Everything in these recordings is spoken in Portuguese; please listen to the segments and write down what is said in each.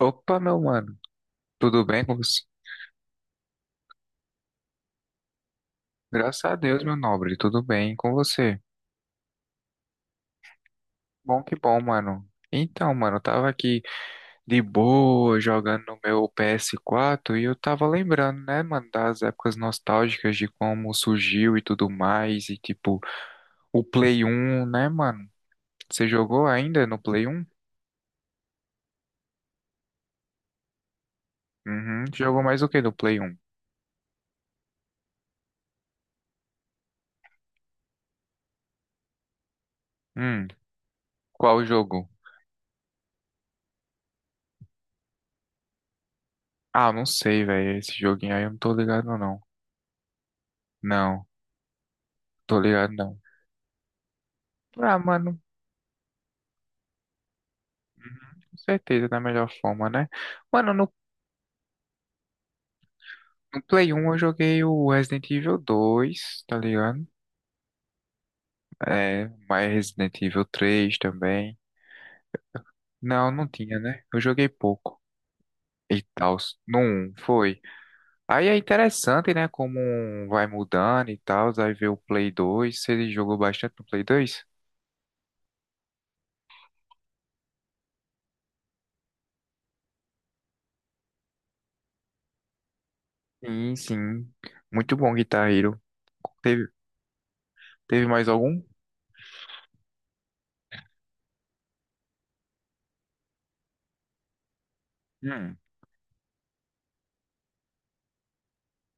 Opa, meu mano, tudo bem com você? Graças a Deus, meu nobre, tudo bem com você? Bom que bom, mano. Então, mano, eu tava aqui de boa jogando no meu PS4 e eu tava lembrando, né, mano, das épocas nostálgicas de como surgiu e tudo mais e tipo o Play 1, né, mano? Você jogou ainda no Play 1? Uhum. Jogou mais o que no Play 1? Hum, qual jogo? Ah, não sei, velho, esse joguinho aí eu não tô ligado não. Não, tô ligado não. Ah, mano, com certeza, da melhor forma, né? Mano, no Play 1 eu joguei o Resident Evil 2, tá ligado? É, mas Resident Evil 3 também. Não, não tinha, né? Eu joguei pouco. E tal, no um foi. Aí é interessante, né? Como um vai mudando e tal. Aí vê o Play 2. Você jogou bastante no Play 2? Sim, sim. Muito bom, Guitar Hero. Teve, teve mais algum? Hum.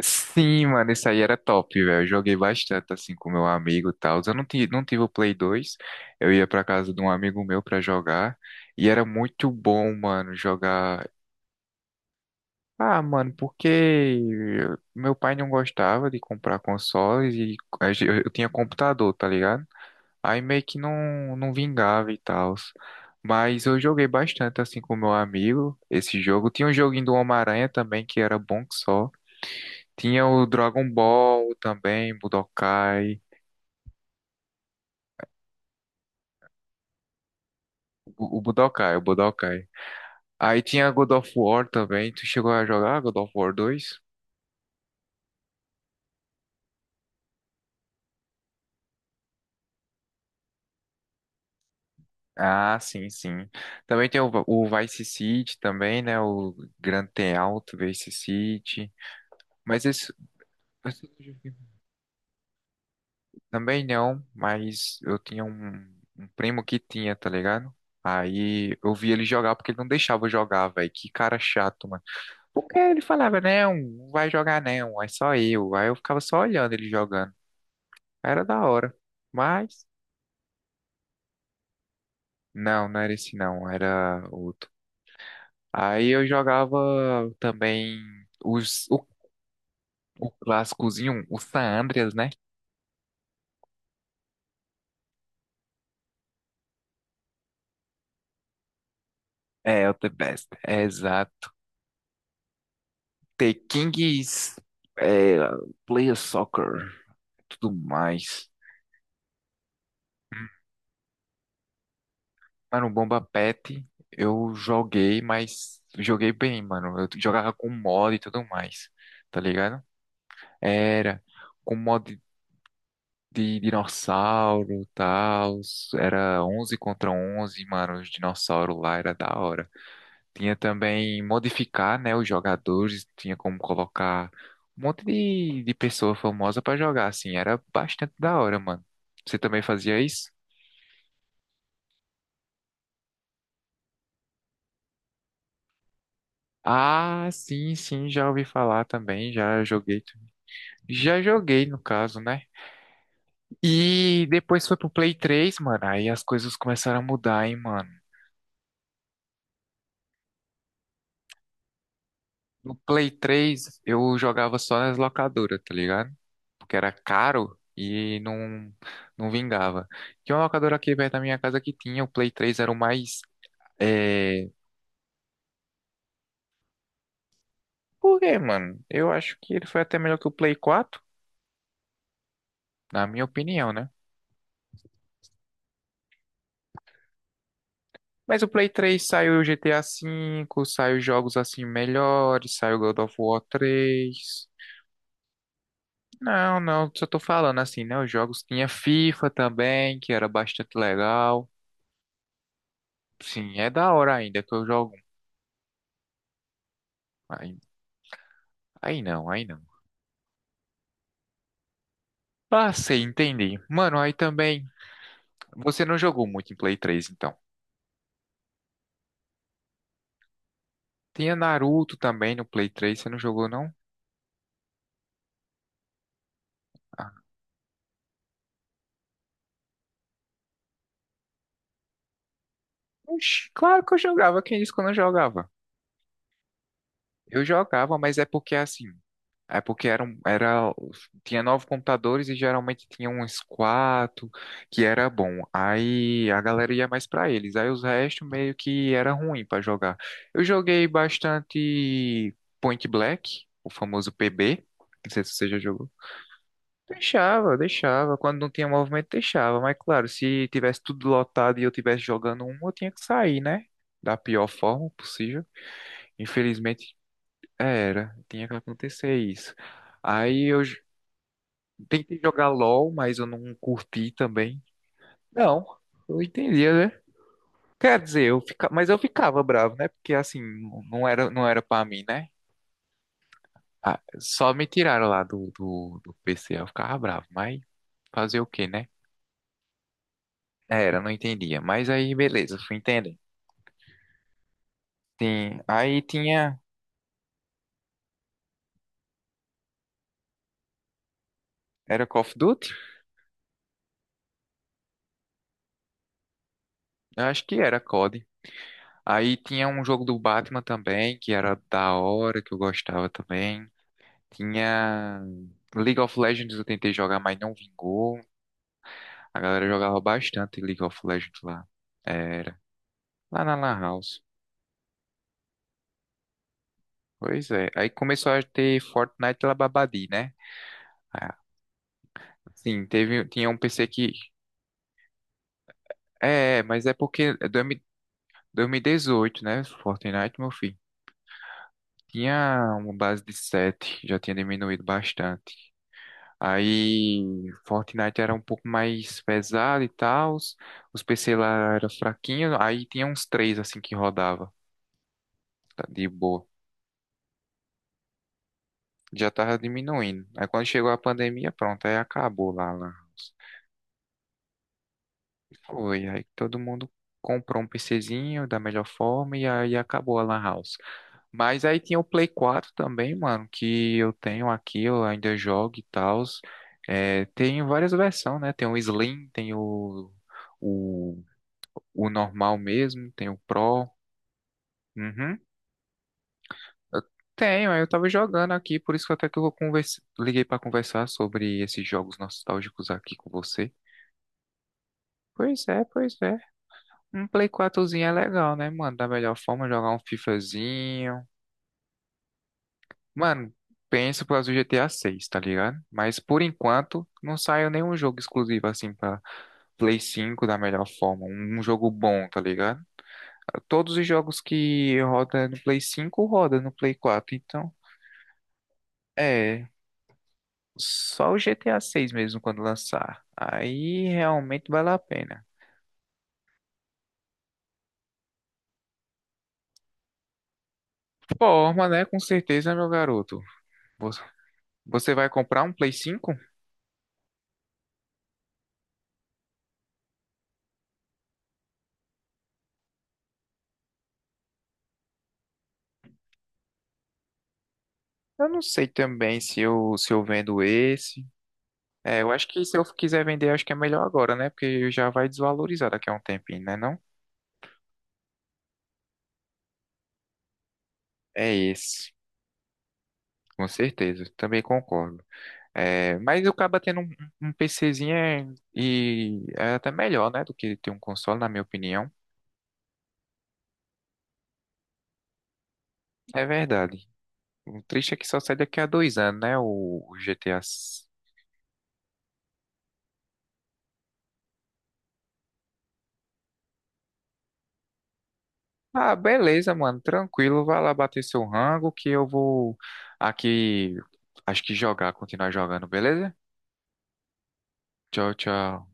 Sim, mano, isso aí era top, velho. Eu joguei bastante assim com meu amigo e tal. Eu não tive, não tive o Play 2. Eu ia pra casa de um amigo meu pra jogar. E era muito bom, mano, jogar. Ah, mano, porque meu pai não gostava de comprar consoles e eu tinha computador, tá ligado? Aí meio que não, não vingava e tal. Mas eu joguei bastante assim com meu amigo esse jogo. Tinha um joguinho do Homem-Aranha também que era bom que só. Tinha o Dragon Ball também, Budokai. O Budokai, o Budokai. Aí tinha God of War também. Tu chegou a jogar God of War 2? Ah, sim, sim. Também tem o Vice City também, né? O Grand Theft Auto Vice City. Mas esse eu não joguei. Também não, mas eu tinha um primo que tinha, tá ligado? Aí eu vi ele jogar porque ele não deixava eu jogar, velho. Que cara chato. Porque ele falava, não, não vai jogar não, é só eu. Aí eu ficava só olhando ele jogando. Era da hora. Mas não, não era esse não, era outro. Aí eu jogava também os, o, o clássicozinho, o San Andreas, né? É, o The Best, é, exato. The Kings, é, Player Soccer, tudo mais. Mano, o Bomba Pet eu joguei, mas joguei bem, mano. Eu jogava com mod e tudo mais, tá ligado? Era com mod de dinossauro, tal, era 11 contra 11, mano, os dinossauros lá era da hora. Tinha também modificar, né, os jogadores, tinha como colocar um monte de pessoa famosa pra jogar, assim, era bastante da hora, mano. Você também fazia isso? Ah, sim, sim, já ouvi falar também, já joguei. Já joguei, no caso, né? E depois foi pro Play 3, mano, aí as coisas começaram a mudar, hein, mano. No Play 3, eu jogava só nas locadoras, tá ligado? Porque era caro e não, não vingava. Tinha uma locadora aqui perto da minha casa que tinha, o Play 3 era o mais. É... Por quê, mano? Eu acho que ele foi até melhor que o Play 4, na minha opinião, né? Mas o Play 3 saiu o GTA 5, saiu jogos assim melhores, saiu God of War 3. Não, não, só tô falando assim, né? Os jogos tinha FIFA também, que era bastante legal. Sim, é da hora ainda, que eu jogo. Aí, aí não, aí não. Ah, sei, entendi. Mano, aí também. Você não jogou muito em Play 3, então. Tinha Naruto também no Play 3, você não jogou, não? Ah, oxi, claro que eu jogava. Quem disse que eu não jogava? Eu jogava, mas é porque assim, é porque tinha nove computadores e geralmente tinha uns quatro que era bom. Aí a galera ia mais pra eles. Aí os restos meio que era ruim pra jogar. Eu joguei bastante Point Black, o famoso PB. Não sei se você já jogou. Deixava, deixava. Quando não tinha movimento, deixava. Mas claro, se tivesse tudo lotado e eu tivesse jogando um, eu tinha que sair, né? Da pior forma possível. Infelizmente era, tinha que acontecer isso. Aí eu tentei jogar LOL, mas eu não curti também. Não, eu entendia, né? Quer dizer, mas eu ficava bravo, né? Porque assim, não era, não era pra mim, né? Ah, só me tiraram lá do, do PC, eu ficava bravo, mas fazer o quê, né? Era, não entendia. Mas aí, beleza, fui entender. Tem... Aí tinha. Era Call of Duty? Eu acho que era COD. Aí tinha um jogo do Batman também, que era da hora, que eu gostava também. Tinha League of Legends, eu tentei jogar, mas não vingou. A galera jogava bastante League of Legends lá. Era. Lá na Lan House. Pois é. Aí começou a ter Fortnite lá, Babadi, né? Ah, sim, teve, tinha um PC que. Mas é porque é 2000 2018, né? Fortnite, meu filho. Tinha uma base de 7, já tinha diminuído bastante. Aí Fortnite era um pouco mais pesado e tal, os PC lá era fraquinho, aí tinha uns três assim que rodava, tá, de boa. Já tava diminuindo. Aí quando chegou a pandemia, pronto, aí acabou lá, lá. Foi, aí todo mundo comprou um PCzinho da melhor forma e aí acabou a Lan House. Mas aí tinha o Play 4 também, mano, que eu tenho aqui, eu ainda jogo e tal. É, tem várias versões, né? Tem o Slim, tem o o normal mesmo, tem o Pro. Uhum. Eu tenho, aí eu tava jogando aqui, por isso que até que eu converse... liguei pra conversar sobre esses jogos nostálgicos aqui com você. Pois é, pois é. Um Play quatrozinho é legal, né, mano? Da melhor forma, jogar um FIFAzinho. Mano, penso para o GTA 6, tá ligado? Mas por enquanto, não saiu nenhum jogo exclusivo assim pra Play 5 da melhor forma. Um jogo bom, tá ligado? Todos os jogos que roda no Play 5 roda no Play 4. Então, é, só o GTA 6 mesmo quando lançar. Aí realmente vale a pena. Forma, né? Com certeza, meu garoto. Vo- Você vai comprar um Play 5? Eu não sei também se eu vendo esse. É, eu acho que se eu quiser vender, acho que é melhor agora, né? Porque já vai desvalorizar daqui a um tempinho, né não? É esse, com certeza. Também concordo. É, mas eu acaba tendo um PCzinho e é até melhor, né? Do que ter um console, na minha opinião. É verdade. O triste é que só sai daqui a 2 anos, né? O GTA. Ah, beleza, mano. Tranquilo. Vai lá bater seu rango que eu vou aqui. Acho que jogar, continuar jogando, beleza? Tchau, tchau.